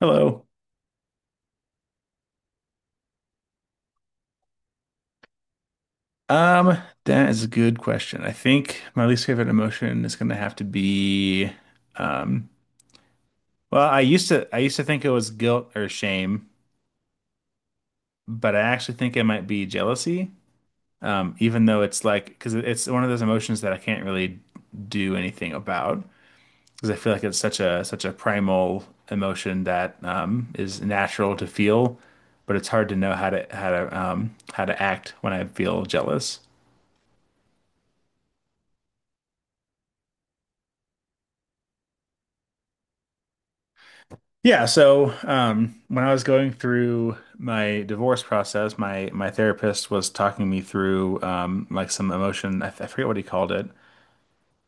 Hello. Um, that is a good question. I think my least favorite emotion is going to have to be, um, well, I used to think it was guilt or shame, but I actually think it might be jealousy. Even though it's like because it's one of those emotions that I can't really do anything about because I feel like it's such a primal emotion that is natural to feel, but it's hard to know how to act when I feel jealous. Yeah, so when I was going through my divorce process, my therapist was talking me through like some emotion. I forget what he called it,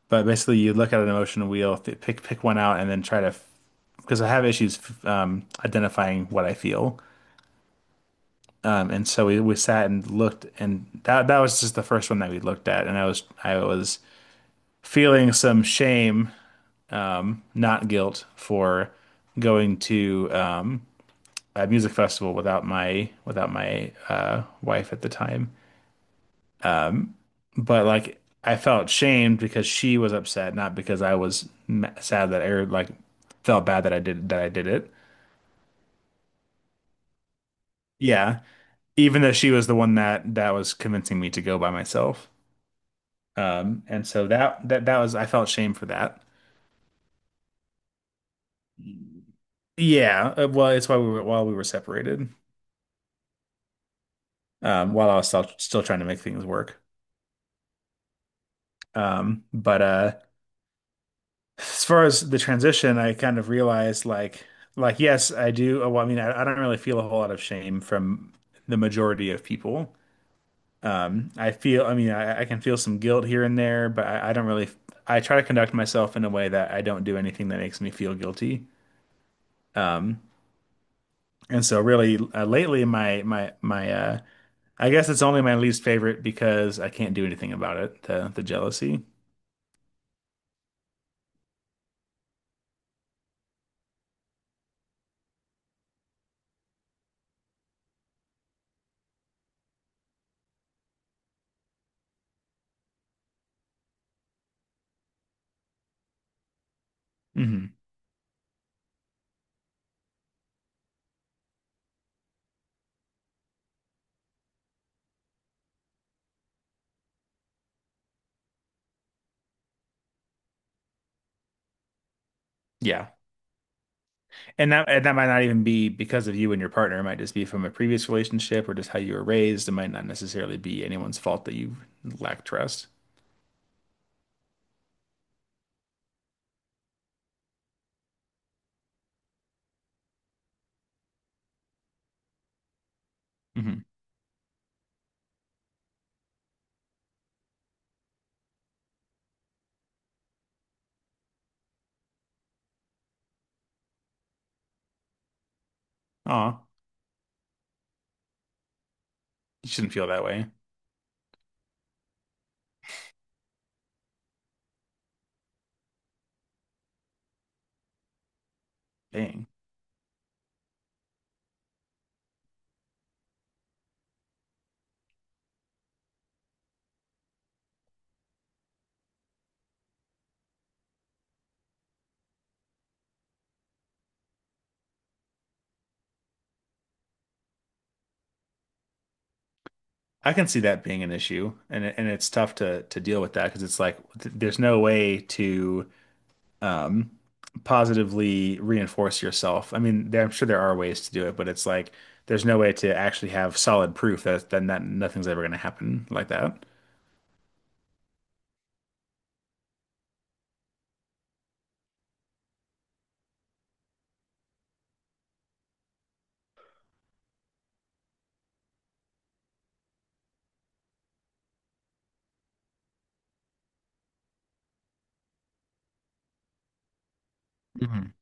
but basically, you look at an emotion wheel, pick one out, and then try to because I have issues identifying what I feel. And so we sat and looked, and that was just the first one that we looked at, and I was feeling some shame, not guilt, for going to. Music festival without my wife at the time. Um, but like I felt shamed because she was upset, not because I was sad that I or, like felt bad that I did it. Yeah, even though she was the one that was convincing me to go by myself. And so that was I felt shame for that. Yeah, well, it's why we were while we were separated, while I was still trying to make things work. But As far as the transition, I kind of realized like yes, I do. Well, I mean, I don't really feel a whole lot of shame from the majority of people. I mean, I can feel some guilt here and there, but I don't really. I try to conduct myself in a way that I don't do anything that makes me feel guilty. Um, and so really, lately, my I guess it's only my least favorite because I can't do anything about it. The jealousy. hmm Yeah. And that might not even be because of you and your partner. It might just be from a previous relationship or just how you were raised. It might not necessarily be anyone's fault that you lack trust. hmm Aw, you shouldn't feel that way. Dang. I can see that being an issue, and and it's tough to deal with that because it's like th there's no way to um positively reinforce yourself. I mean, I'm sure there are ways to do it, but it's like there's no way to actually have solid proof that nothing's ever going to happen like that. hmm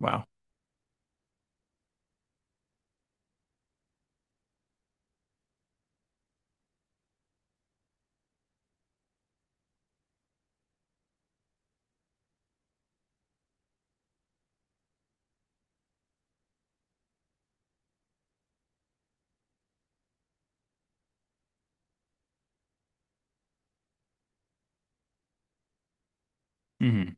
Wow. Mhm.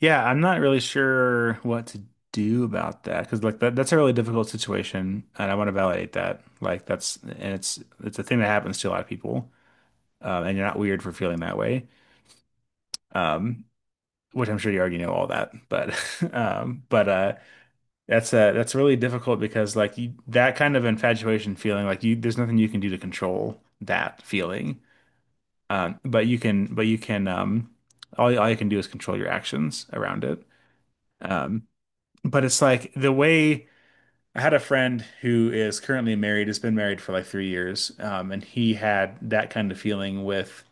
Yeah, I'm not really sure what to do about that because like that's a really difficult situation, and I want to validate that. Like that's and it's a thing that happens to a lot of people, and you're not weird for feeling that way, um, which I'm sure you already know all that. But but that's really difficult because like you, that kind of infatuation feeling, like you there's nothing you can do to control that feeling, but you can all you can do is control your actions around it. Um, But it's like the way I had a friend who is currently married, has been married for like 3 years, and he had that kind of feeling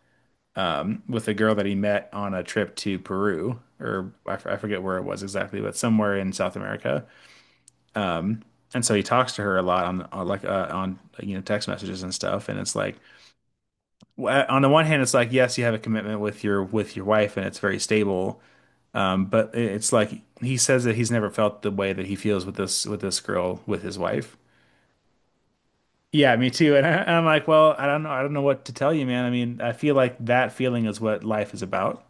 with a girl that he met on a trip to Peru, or I forget where it was exactly, but somewhere in South America. And so he talks to her a lot on like on text messages and stuff. And it's like on the one hand, it's like yes, you have a commitment with your wife, and it's very stable. But it's like he says that he's never felt the way that he feels with this girl with his wife. Yeah, me too. And I'm like, well, I don't know what to tell you, man. I mean, I feel like that feeling is what life is about.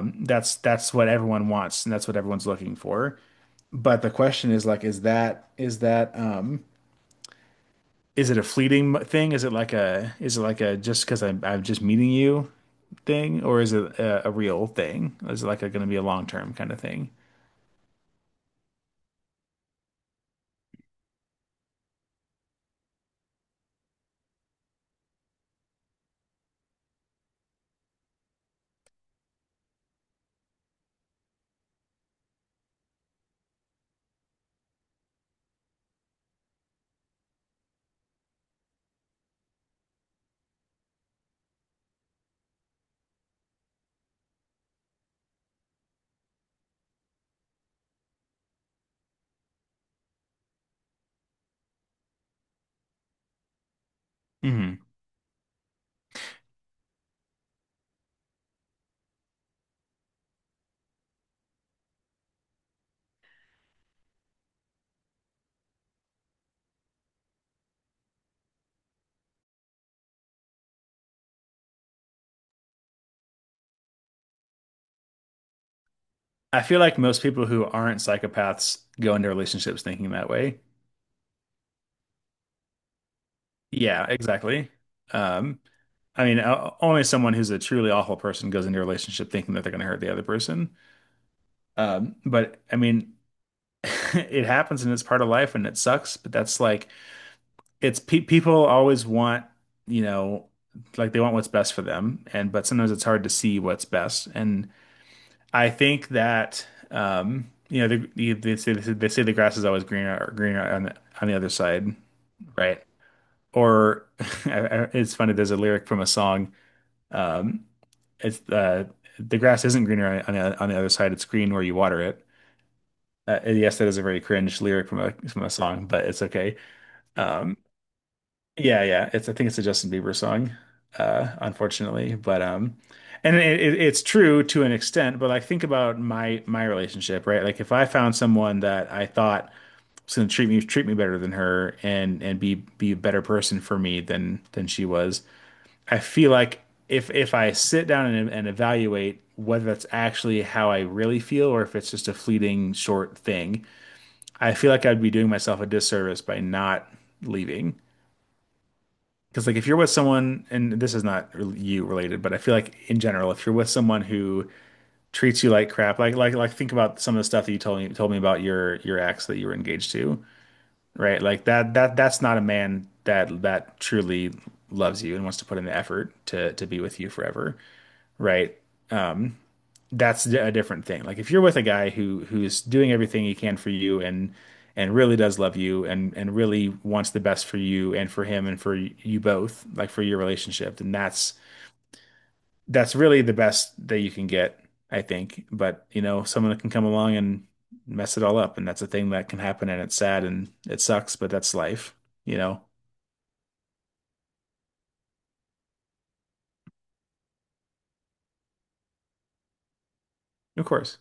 That's what everyone wants, and that's what everyone's looking for. But the question is like, is that is it a fleeting thing? Is it like a is it like a just because I'm just meeting you thing, or is it a real thing? Is it like a going to be a long term kind of thing? hmm I feel like most people who aren't psychopaths go into relationships thinking that way. Yeah, exactly. Um, I mean, only someone who's a truly awful person goes into a relationship thinking that they're going to hurt the other person. Um, but I mean, it happens and it's part of life and it sucks, but that's like, it's pe people always want, you know, like they want what's best for them. And, but sometimes it's hard to see what's best. And I think that, you know, they say the grass is always greener, greener on on the other side, right? Or it's funny, there's a lyric from a song. Um, it's The grass isn't greener on on the other side. It's green where you water it. And yes, that is a very cringe lyric from a song, but it's okay. Um, yeah. It's I think it's a Justin Bieber song, unfortunately. But and it's true to an extent. But like think about my relationship, right? Like if I found someone that I thought was going to treat me better than her and and be a better person for me than she was I feel like if I sit down and evaluate whether that's actually how I really feel or if it's just a fleeting short thing, I feel like I'd be doing myself a disservice by not leaving. Because like if you're with someone, and this is not you related, but I feel like in general, if you're with someone who treats you like crap, like think about some of the stuff that you told me about your ex that you were engaged to, right? Like that's not a man that truly loves you and wants to put in the effort to be with you forever, right? That's a different thing. Like if you're with a guy who's doing everything he can for you and really does love you and really wants the best for you and for him and for you both, like for your relationship, then that's really the best that you can get, I think. But you know, someone can come along and mess it all up, and that's a thing that can happen, and it's sad and it sucks, but that's life, you know. Of course.